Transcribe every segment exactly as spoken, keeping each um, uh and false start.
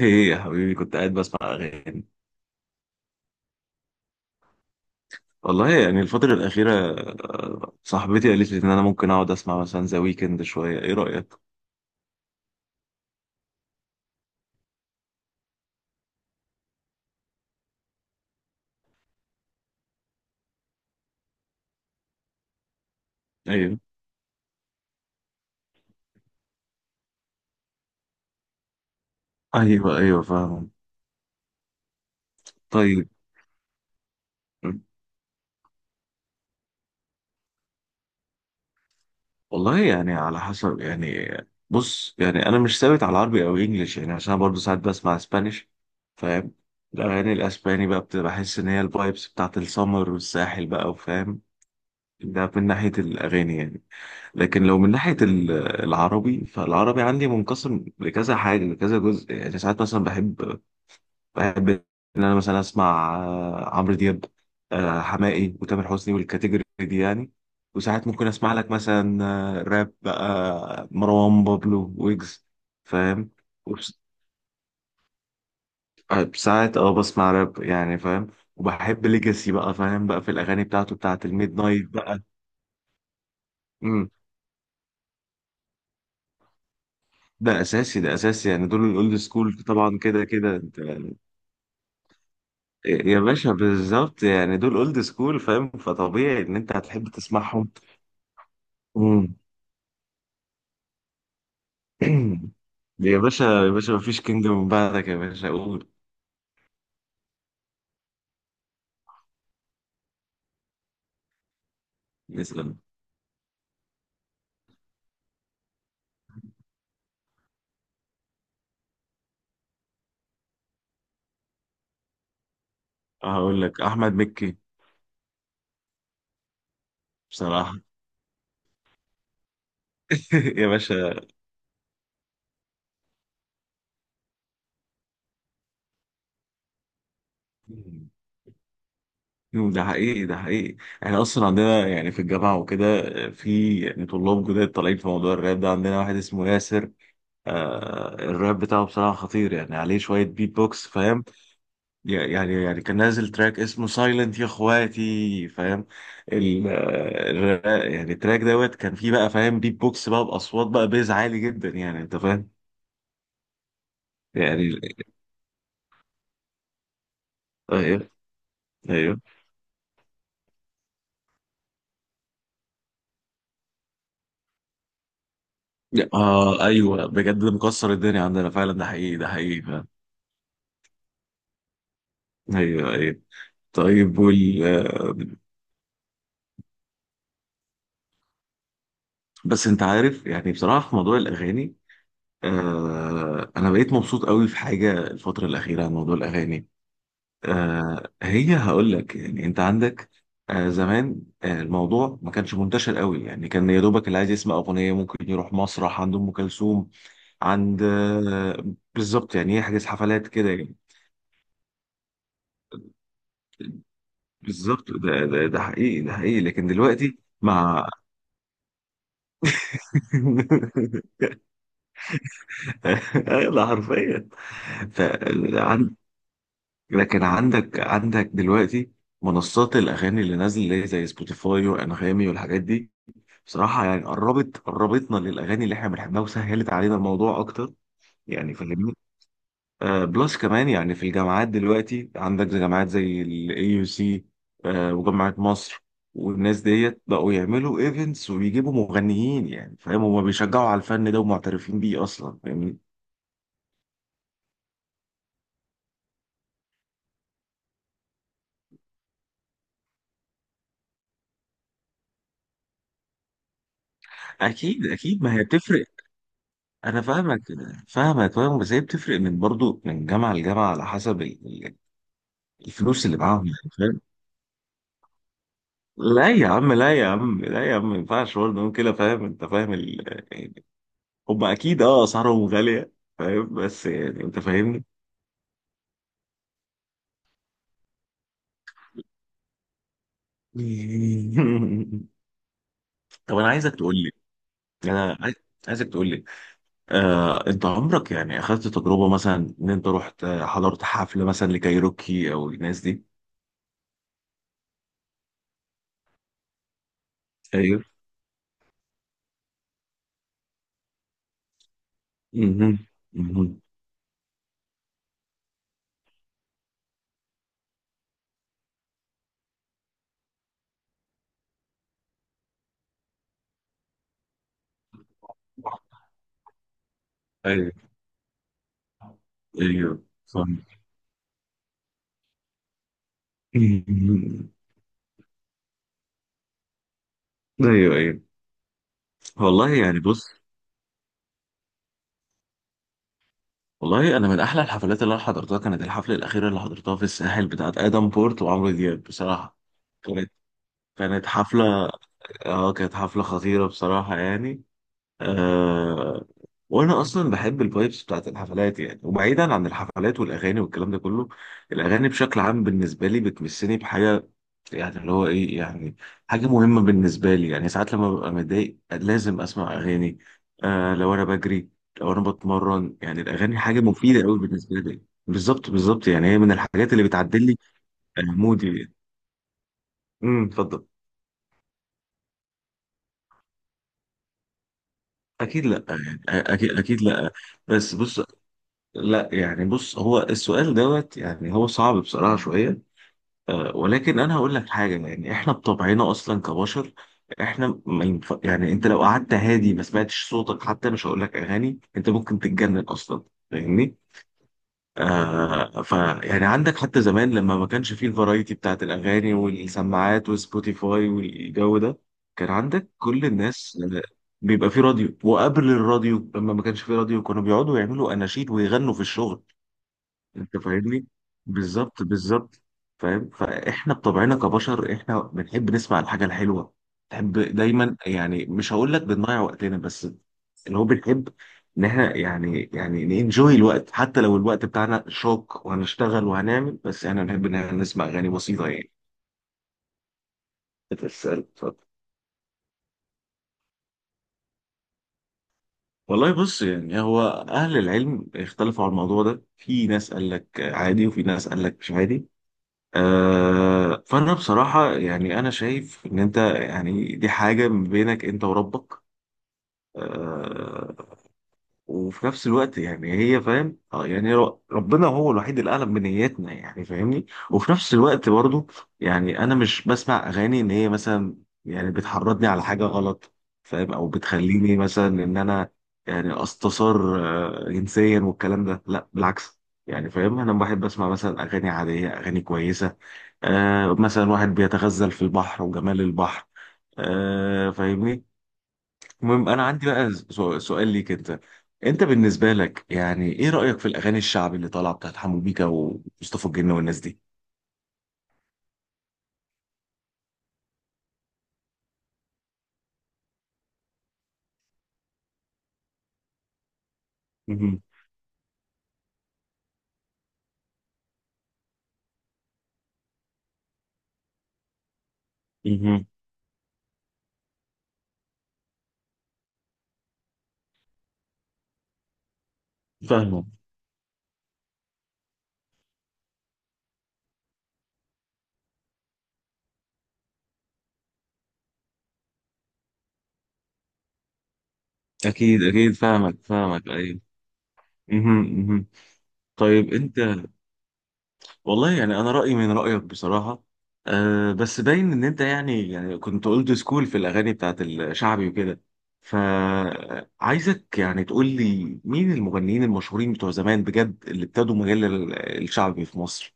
ايه ايه يا حبيبي كنت قاعد بسمع اغاني. والله يعني الفترة الأخيرة آه، صاحبتي قالت لي إن أنا ممكن أقعد أسمع مثلا ذا ويكند شوية، إيه رأيك؟ أيوه. أيوه أيوه فاهم. طيب. م. والله يعني على حسب يعني. بص يعني أنا مش ثابت على عربي أو إنجليش، يعني عشان أنا برضه ساعات بسمع اسبانيش، فاهم. الأغاني الأسباني بقى بتبقى، بحس إن هي الفايبس بتاعت السمر والساحل بقى، وفاهم. ده من ناحية الأغاني يعني. لكن لو من ناحية ال- العربي، فالعربي عندي منقسم لكذا حاجة، لكذا جزء، يعني ساعات مثلا بحب، بحب إن أنا مثلا أسمع، آه، عمرو دياب، آه، حماقي وتامر حسني والكاتيجوري دي يعني. وساعات ممكن أسمع لك مثلا، آه، راب بقى، مروان بابلو، ويجز، فاهم. وبس- آه، ساعات اه بسمع راب يعني، فاهم. وبحب ليجاسي بقى، فاهم بقى، في الأغاني بتاعته بتاعت الميد نايت بقى. مم. ده اساسي، ده اساسي، يعني دول الاولد سكول طبعا، كده كده انت. يا باشا بالظبط، يعني دول اولد سكول، فاهم، فطبيعي ان انت هتحب تسمعهم. مم. يا باشا يا باشا، مفيش كينجدم من بعدك يا باشا، قول. نسأل. هقول لك احمد مكي. بصراحة. يا باشا. ده حقيقي، ده حقيقي. احنا اصلا عندنا يعني في الجامعة وكده، في يعني طلاب جداد طالعين في موضوع الراب ده، عندنا واحد اسمه ياسر، آه الراب بتاعه بصراحة خطير، يعني عليه شوية بيت بوكس، فاهم. يعني يعني كان نازل تراك اسمه سايلنت يا اخواتي، فاهم. ال ال- يعني التراك دوت كان فيه بقى، فاهم، بيت بوكس بقى باصوات بقى، بيز عالي جدا يعني، انت فاهم. يعني ايوه ايوه. اه ايوه بجد، ده مكسر الدنيا عندنا فعلا، ده حقيقي ده حقيقي فعلا. ايوه ايوه. طيب وال آه، بس انت عارف يعني، بصراحه في موضوع الاغاني، آه انا بقيت مبسوط قوي في حاجه الفتره الاخيره عن موضوع الاغاني. آه هي هقول لك، يعني انت عندك، آه زمان آه، الموضوع ما كانش منتشر قوي، يعني كان يا دوبك اللي عايز يسمع اغنيه ممكن يروح مسرح عند ام كلثوم، عند آه، بالظبط يعني يحجز حفلات كده يعني. بالظبط، ده, ده ده حقيقي ده حقيقي، لكن دلوقتي مع. ده حرفيا. ف عن- لكن عندك عندك دلوقتي منصات الاغاني اللي نازله، اللي هي زي سبوتيفاي وانغامي والحاجات دي. بصراحة يعني قربت، قربتنا للأغاني اللي احنا بنحبها وسهلت علينا الموضوع أكتر. يعني فاهمني. آه بلس كمان، يعني في الجامعات دلوقتي عندك زي جامعات زي ال ايه يو سي، آه وجامعة مصر، والناس ديت بقوا يعملوا ايفنتس وبيجيبوا مغنيين، يعني فاهم هما بيشجعوا على الفن ده ومعترفين بيه أصلا، فاهمني. أكيد أكيد، ما هي بتفرق. أنا فاهمك، فاهمك فاهم، بس هي بتفرق من، برضو من جامعة لجامعة، على حسب ال- ال- الفلوس اللي معاهم يعني، لا يا عم لا يا عم لا يا عم، ما ينفعش برضه نقول كده، فاهم انت، فاهم ال... يعني هم اكيد اه اسعارهم غاليه، فاهم، بس يعني انت فاهمني. طب انا عايزك تقول لي، انا عايز- عايزك تقول لي، آه انت عمرك يعني اخذت تجربه مثلا ان انت رحت، آه، حضرت حفله مثلا لكايروكي او الناس دي؟ ايوه. مهم. مهم. ايوه ايوه فاهم. ايوه ايوه. والله يعني بص، والله انا من احلى الحفلات اللي انا حضرتها كانت الحفله الاخيره اللي حضرتها في الساحل، بتاعت ادم بورت وعمرو دياب بصراحه. كانت، كانت حفله، اه كانت حفله خطيره بصراحه يعني. آه وانا اصلا بحب الفايبس بتاعت الحفلات يعني، وبعيدا عن الحفلات والاغاني والكلام ده كله، الاغاني بشكل عام بالنسبه لي بتمسني بحاجه، يعني اللي هو ايه يعني، حاجه مهمه بالنسبه لي، يعني ساعات لما ببقى متضايق لازم اسمع اغاني، آه لو انا بجري، لو انا بتمرن، يعني الاغاني حاجه مفيده قوي بالنسبه لي. بالظبط بالظبط، يعني هي من الحاجات اللي بتعدل لي آه، مودي يعني. امم اتفضل. اكيد لا يعني، أ- اكيد اكيد لا. بس بص، لا يعني بص، هو السؤال دوت يعني هو صعب بصراحة شوية. آه، ولكن انا هقول لك حاجة، يعني احنا بطبعنا اصلا كبشر، احنا ما ينف... يعني انت لو قعدت هادي ما سمعتش صوتك حتى، مش هقول لك اغاني، انت ممكن تتجنن اصلا. فاهمني. آه ف يعني عندك حتى زمان لما ما كانش فيه الفرايتي بتاعت الاغاني والسماعات وسبوتيفاي والجو ده، كان عندك كل الناس آه، بيبقى فيه راديو، وقبل الراديو لما ما كانش فيه راديو كانوا بيقعدوا يعملوا اناشيد ويغنوا في الشغل. انت فاهمني. بالظبط بالظبط. فاهم، فاحنا بطبعنا كبشر احنا بنحب نسمع الحاجه الحلوه، بنحب دايما يعني، مش هقول لك بنضيع وقتنا، بس اللي هو بنحب ان احنا، يعني يعني ننجوي الوقت حتى لو الوقت بتاعنا شاق وهنشتغل وهنعمل، بس احنا بنحب ان احنا نسمع اغاني بسيطه يعني. بتسأل، اتفضل. والله بص يعني، هو اهل العلم اختلفوا على الموضوع ده، في ناس قال لك عادي وفي ناس قال لك مش عادي. آه، فانا بصراحه يعني انا شايف ان انت يعني دي حاجه ما بينك انت وربك. آه، وفي نفس الوقت يعني هي فاهم، آه، يعني ر- ربنا هو الوحيد اللي اعلم بنياتنا، يعني فاهمني. وفي نفس الوقت برضو، يعني انا مش بسمع اغاني ان هي مثلا يعني بتحرضني على حاجه غلط، فاهم، او بتخليني مثلا ان انا يعني استثار آه، جنسيا والكلام ده، لا بالعكس. يعني فاهم انا بحب اسمع مثلا اغاني عاديه، اغاني كويسه، آه مثلا واحد بيتغزل في البحر وجمال البحر، آه فاهمني. المهم انا عندي بقى، سو- سؤال ليك انت، انت بالنسبه لك يعني ايه رايك في الاغاني الشعبي اللي طالعه بتاعت حمو بيكا ومصطفى الجن والناس دي؟ مهم. مهم. فاهمك. اكيد اكيد فاهمك، فاهمك ايوه. مهم. مهم. طيب انت، والله يعني انا رايي من رايك بصراحه، أه بس باين ان انت يعني يعني كنت اولد سكول في الاغاني بتاعت الشعبي وكده. فعايزك يعني تقول لي مين المغنيين المشهورين بتوع زمان بجد اللي ابتدوا مجال ال- الشعبي في مصر؟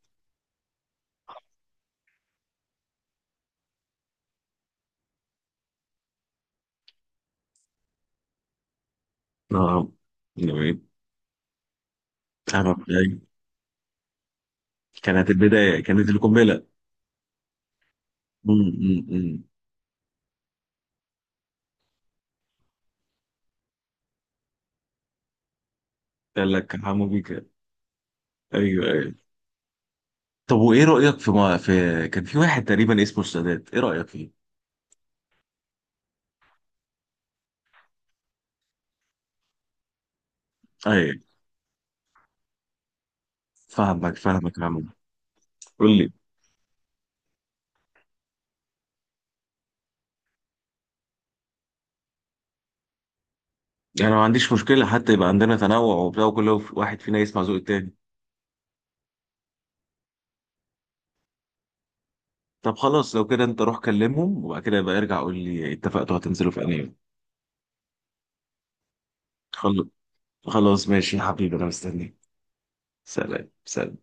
اه يعني انا بداية- كانت البدايه كانت القنبله. امم. قال لك حمو بيكا. ايوه ايوه. طب وايه رايك في ما في، كان في واحد تقريبا اسمه السادات، ايه رايك فيه؟ ايوه فاهمك فاهمك يا عم. قول لي. انا ما عنديش مشكله، حتى يبقى عندنا تنوع وبتاع وكل واحد فينا يسمع ذوق التاني. طب خلاص لو كده انت روح كلمهم، وبعد كده يبقى ارجع قول لي اتفقتوا هتنزلوا في انهي يوم. خل- خلاص ماشي يا حبيبي، انا مستنيك. سلام سلام.